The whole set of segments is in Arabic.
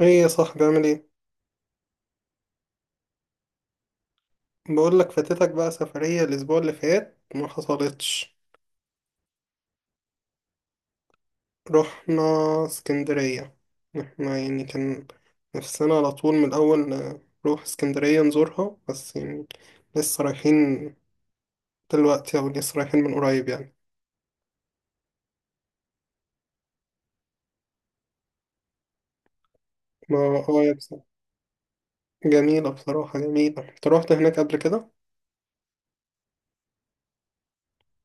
ايه يا صاحبي، عامل ايه؟ بقول لك, فاتتك بقى سفرية الاسبوع اللي فات، ما حصلتش. رحنا اسكندرية. احنا يعني كان نفسنا على طول من الاول نروح اسكندرية نزورها، بس يعني لسه رايحين دلوقتي او لسه رايحين من قريب يعني. ما اه يا بصراحة جميلة، بصراحة جميلة. انت روحت هناك قبل كده؟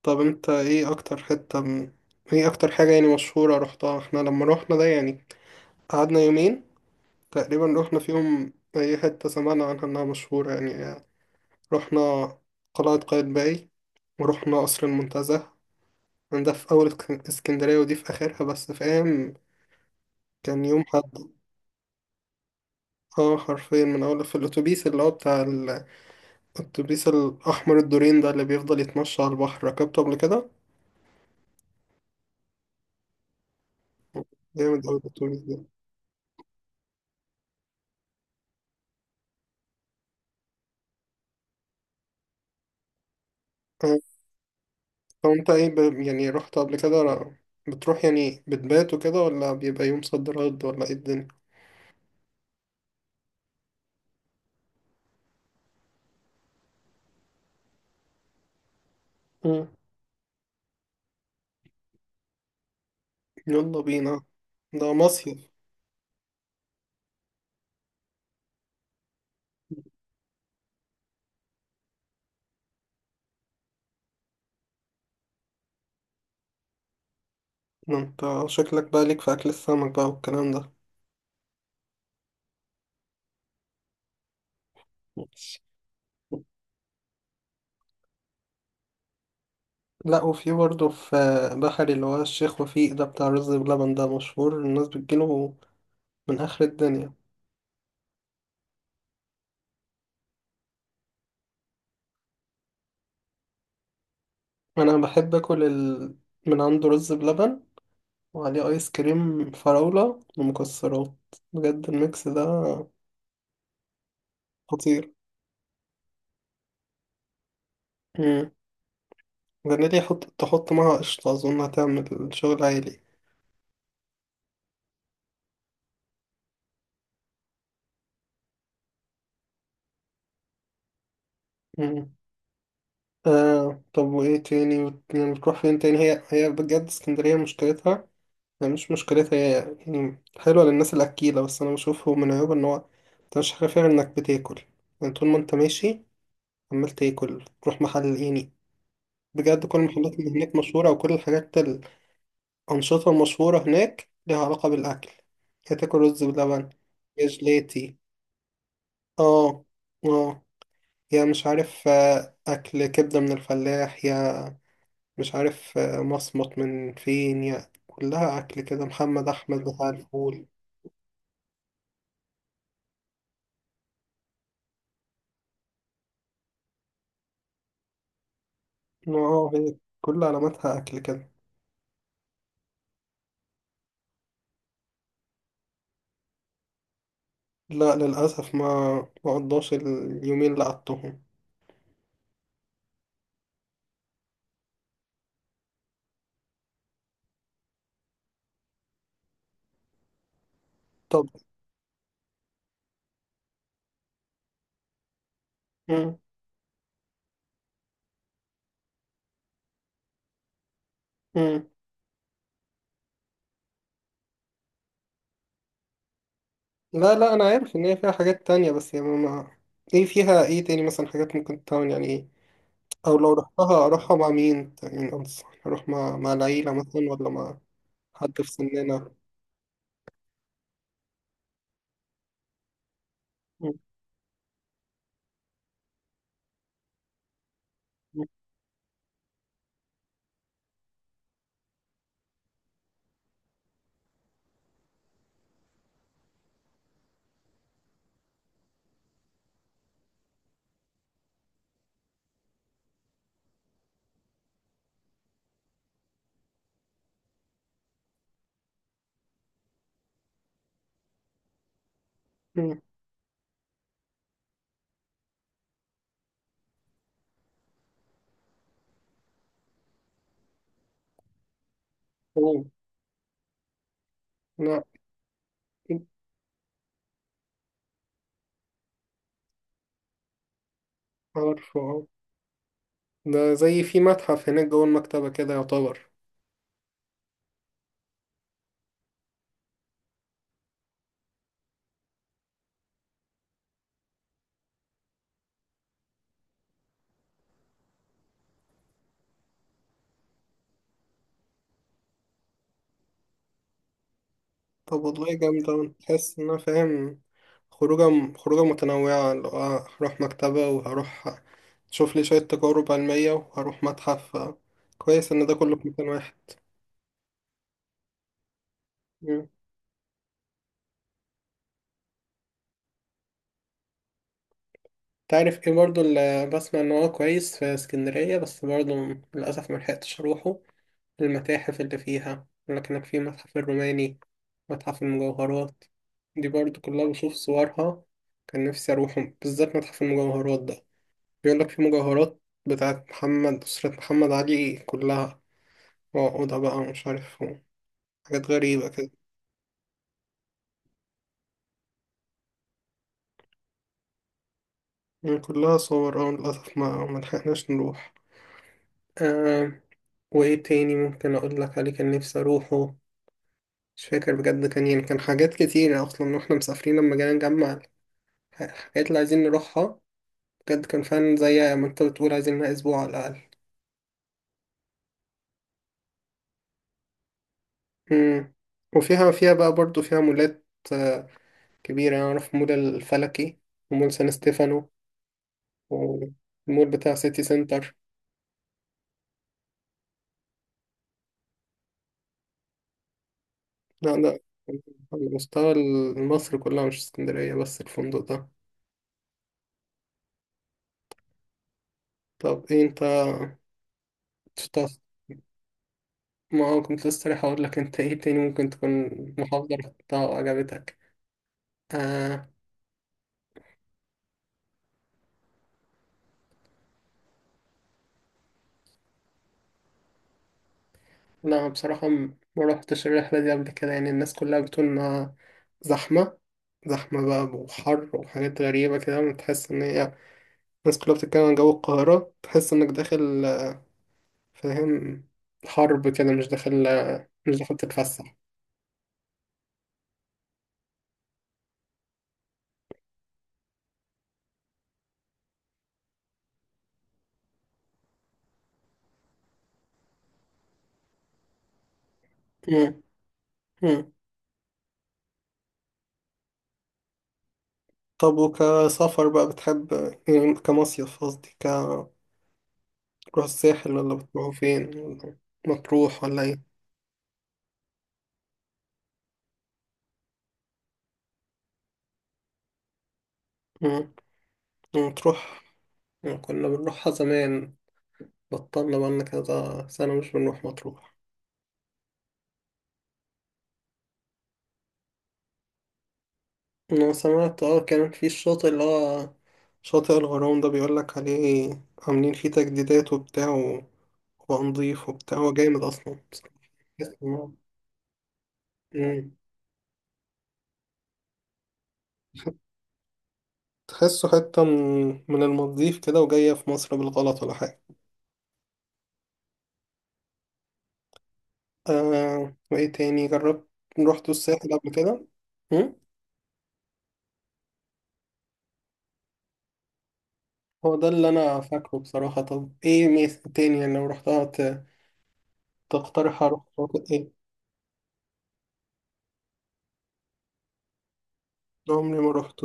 طب انت ايه اكتر حتة ايه اكتر حاجة يعني مشهورة روحتها؟ احنا لما روحنا ده يعني قعدنا يومين تقريبا، رحنا في يوم أي حتة سمعنا عنها إنها مشهورة يعني. رحنا قلعة قايتباي، ورحنا قصر المنتزه. يعني ده في أول اسكندرية، ودي في آخرها، بس فاهم؟ كان يوم حد. اه، حرفيا من أول في الأتوبيس اللي هو بتاع الأتوبيس الأحمر الدورين ده، اللي بيفضل يتمشى على البحر، ركبته قبل كده. جامد أوي الأتوبيس ده. آه، طب أنت إيه يعني رحت قبل كده؟ بتروح يعني بتبات وكده، ولا بيبقى يوم صد رد، ولا إيه الدنيا؟ يلا بينا، ده مصيف. ده انت شكلك بقى ليك في اكل السمك بقى والكلام ده. ماشي. لا، وفي برضه في بحري، اللي هو الشيخ وفيق ده بتاع رز بلبن، ده مشهور الناس بتجيله من آخر الدنيا. أنا بحب أكل من عنده رز بلبن وعليه آيس كريم فراولة ومكسرات. بجد الميكس ده خطير. مم. جربتي تحط معاها قشطة؟ أظن هتعمل شغل عالي. طب وإيه تاني يعني بتروح فين تاني؟ هي هي بجد اسكندرية مشكلتها، يعني مش مشكلتها هي، يعني حلوة للناس الأكيلة، بس أنا بشوفه من عيوبها إن هو أنت مش عارف غير إنك بتاكل. يعني طول ما أنت ماشي عمال تاكل، تروح محل يعني. بجد كل المحلات اللي هناك مشهورة، وكل الحاجات، الأنشطة المشهورة هناك ليها علاقة بالأكل. يا تاكل رز بلبن، يا جلاتي، اه اه يا مش عارف، أكل كبدة من الفلاح، مش عارف، مصمت من فين، يعني كلها أكل كده، محمد أحمد بتاع الفول. اه، هي كل علاماتها أكل كده. لا، للأسف، ما قضاش اليومين اللي قضتهم. طب. مم. مم. لا لا، أنا عارف إن هي فيها حاجات تانية، بس يعني ما إيه فيها إيه تاني مثلا؟ حاجات ممكن تعمل يعني إيه؟ أو لو رحتها، أروحها مع مين يعني؟ أنصح أروح مع العيلة مثلا، ولا مع حد في سننا؟ مم. مم. مم. لا، عارفه أه. ده زي في متحف هناك جوه المكتبة كده يعتبر؟ طب والله جامدة أوي. تحس إن أنا فاهم خروجة، خروجة متنوعة، اللي هو هروح مكتبة، وهروح أشوف لي شوية تجارب علمية، وهروح متحف. كويس إن ده كله في مكان واحد. مم. تعرف إيه برضه اللي بسمع إن هو كويس في اسكندرية، بس برضه للأسف ملحقتش أروحه؟ المتاحف اللي فيها، لكنك في متحف الروماني، متحف المجوهرات، دي برضو كلها بشوف صورها. كان نفسي أروحهم، بالذات متحف المجوهرات ده. بيقولك في مجوهرات بتاعت أسرة محمد علي كلها، وعقودها بقى، ومش عارف، حاجات غريبة كده. يعني كلها صور، للأسف ما ملحقناش نروح. آه وإيه تاني ممكن أقولك عليه كان نفسي أروحه؟ مش فاكر بجد. كان يعني كان حاجات كتير أصلا، وإحنا مسافرين لما جينا نجمع الحاجات اللي عايزين نروحها، بجد كان فعلا زي ما انت بتقول، عايزين لها اسبوع على الاقل. مم. فيها بقى، برضو فيها مولات آه، كبيرة يعني. اعرف مول الفلكي، ومول سان ستيفانو، والمول بتاع سيتي سنتر. لا لا، على مستوى مصر كلها، مش اسكندرية بس الفندق ده. طب ايه، انت تشتغل؟ ما هو كنت لسه رايح اقول لك، انت ايه تاني ممكن تكون محافظة رحتها وعجبتك؟ آه. لا بصراحة، ما روحتش الرحلة دي قبل كده. يعني الناس كلها بتقول إنها زحمة، زحمة بقى، وحر، وحاجات غريبة كده، وتحس إن هي الناس كلها بتتكلم عن جو القاهرة، تحس إنك داخل، فاهم، حرب كده، مش داخل تتفسح. مم. مم. طب وكسفر بقى بتحب؟ يعني كمصيف قصدي، تروح الساحل، ولا بتروحوا فين، ولا مطروح ولا ايه؟ مم. مطروح كنا بنروحها زمان، بطلنا بقالنا كذا سنة مش بنروح مطروح. أنا سمعت كان في الشاطئ، اللي هو شاطئ الغرام ده، بيقولك عليه عاملين فيه تجديدات، وبتاع، وبقى نضيف، وبتاع. هو جامد أصلا بصراحة. تحس إن مم. تحسه حتة من المالديف كده، وجاية في مصر بالغلط ولا حاجة. وإيه تاني جربت؟ روحتوا الساحل قبل كده؟ مم؟ هو ده اللي أنا فاكره بصراحة. طب إيه ميزة تاني يعني لو رحتها، تقترح أروح شاطئ إيه؟ عمري ما روحت.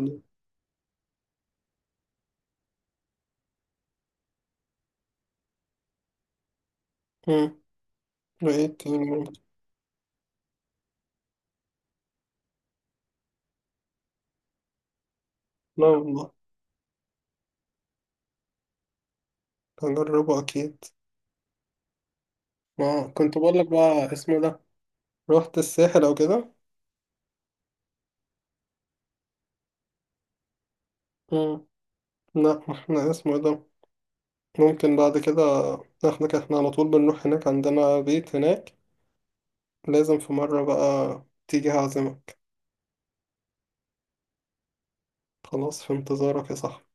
مم. وإيه التاني برضه؟ لا والله، هجربه أكيد. ما كنت بقول لك بقى اسمه ده. روحت الساحل أو كده؟ مم. لا، ما احنا اسمه ده، ممكن بعد كده. احنا كده احنا على طول بنروح هناك، عندنا بيت هناك. لازم في مرة بقى تيجي هعزمك. خلاص، في انتظارك يا صاحبي.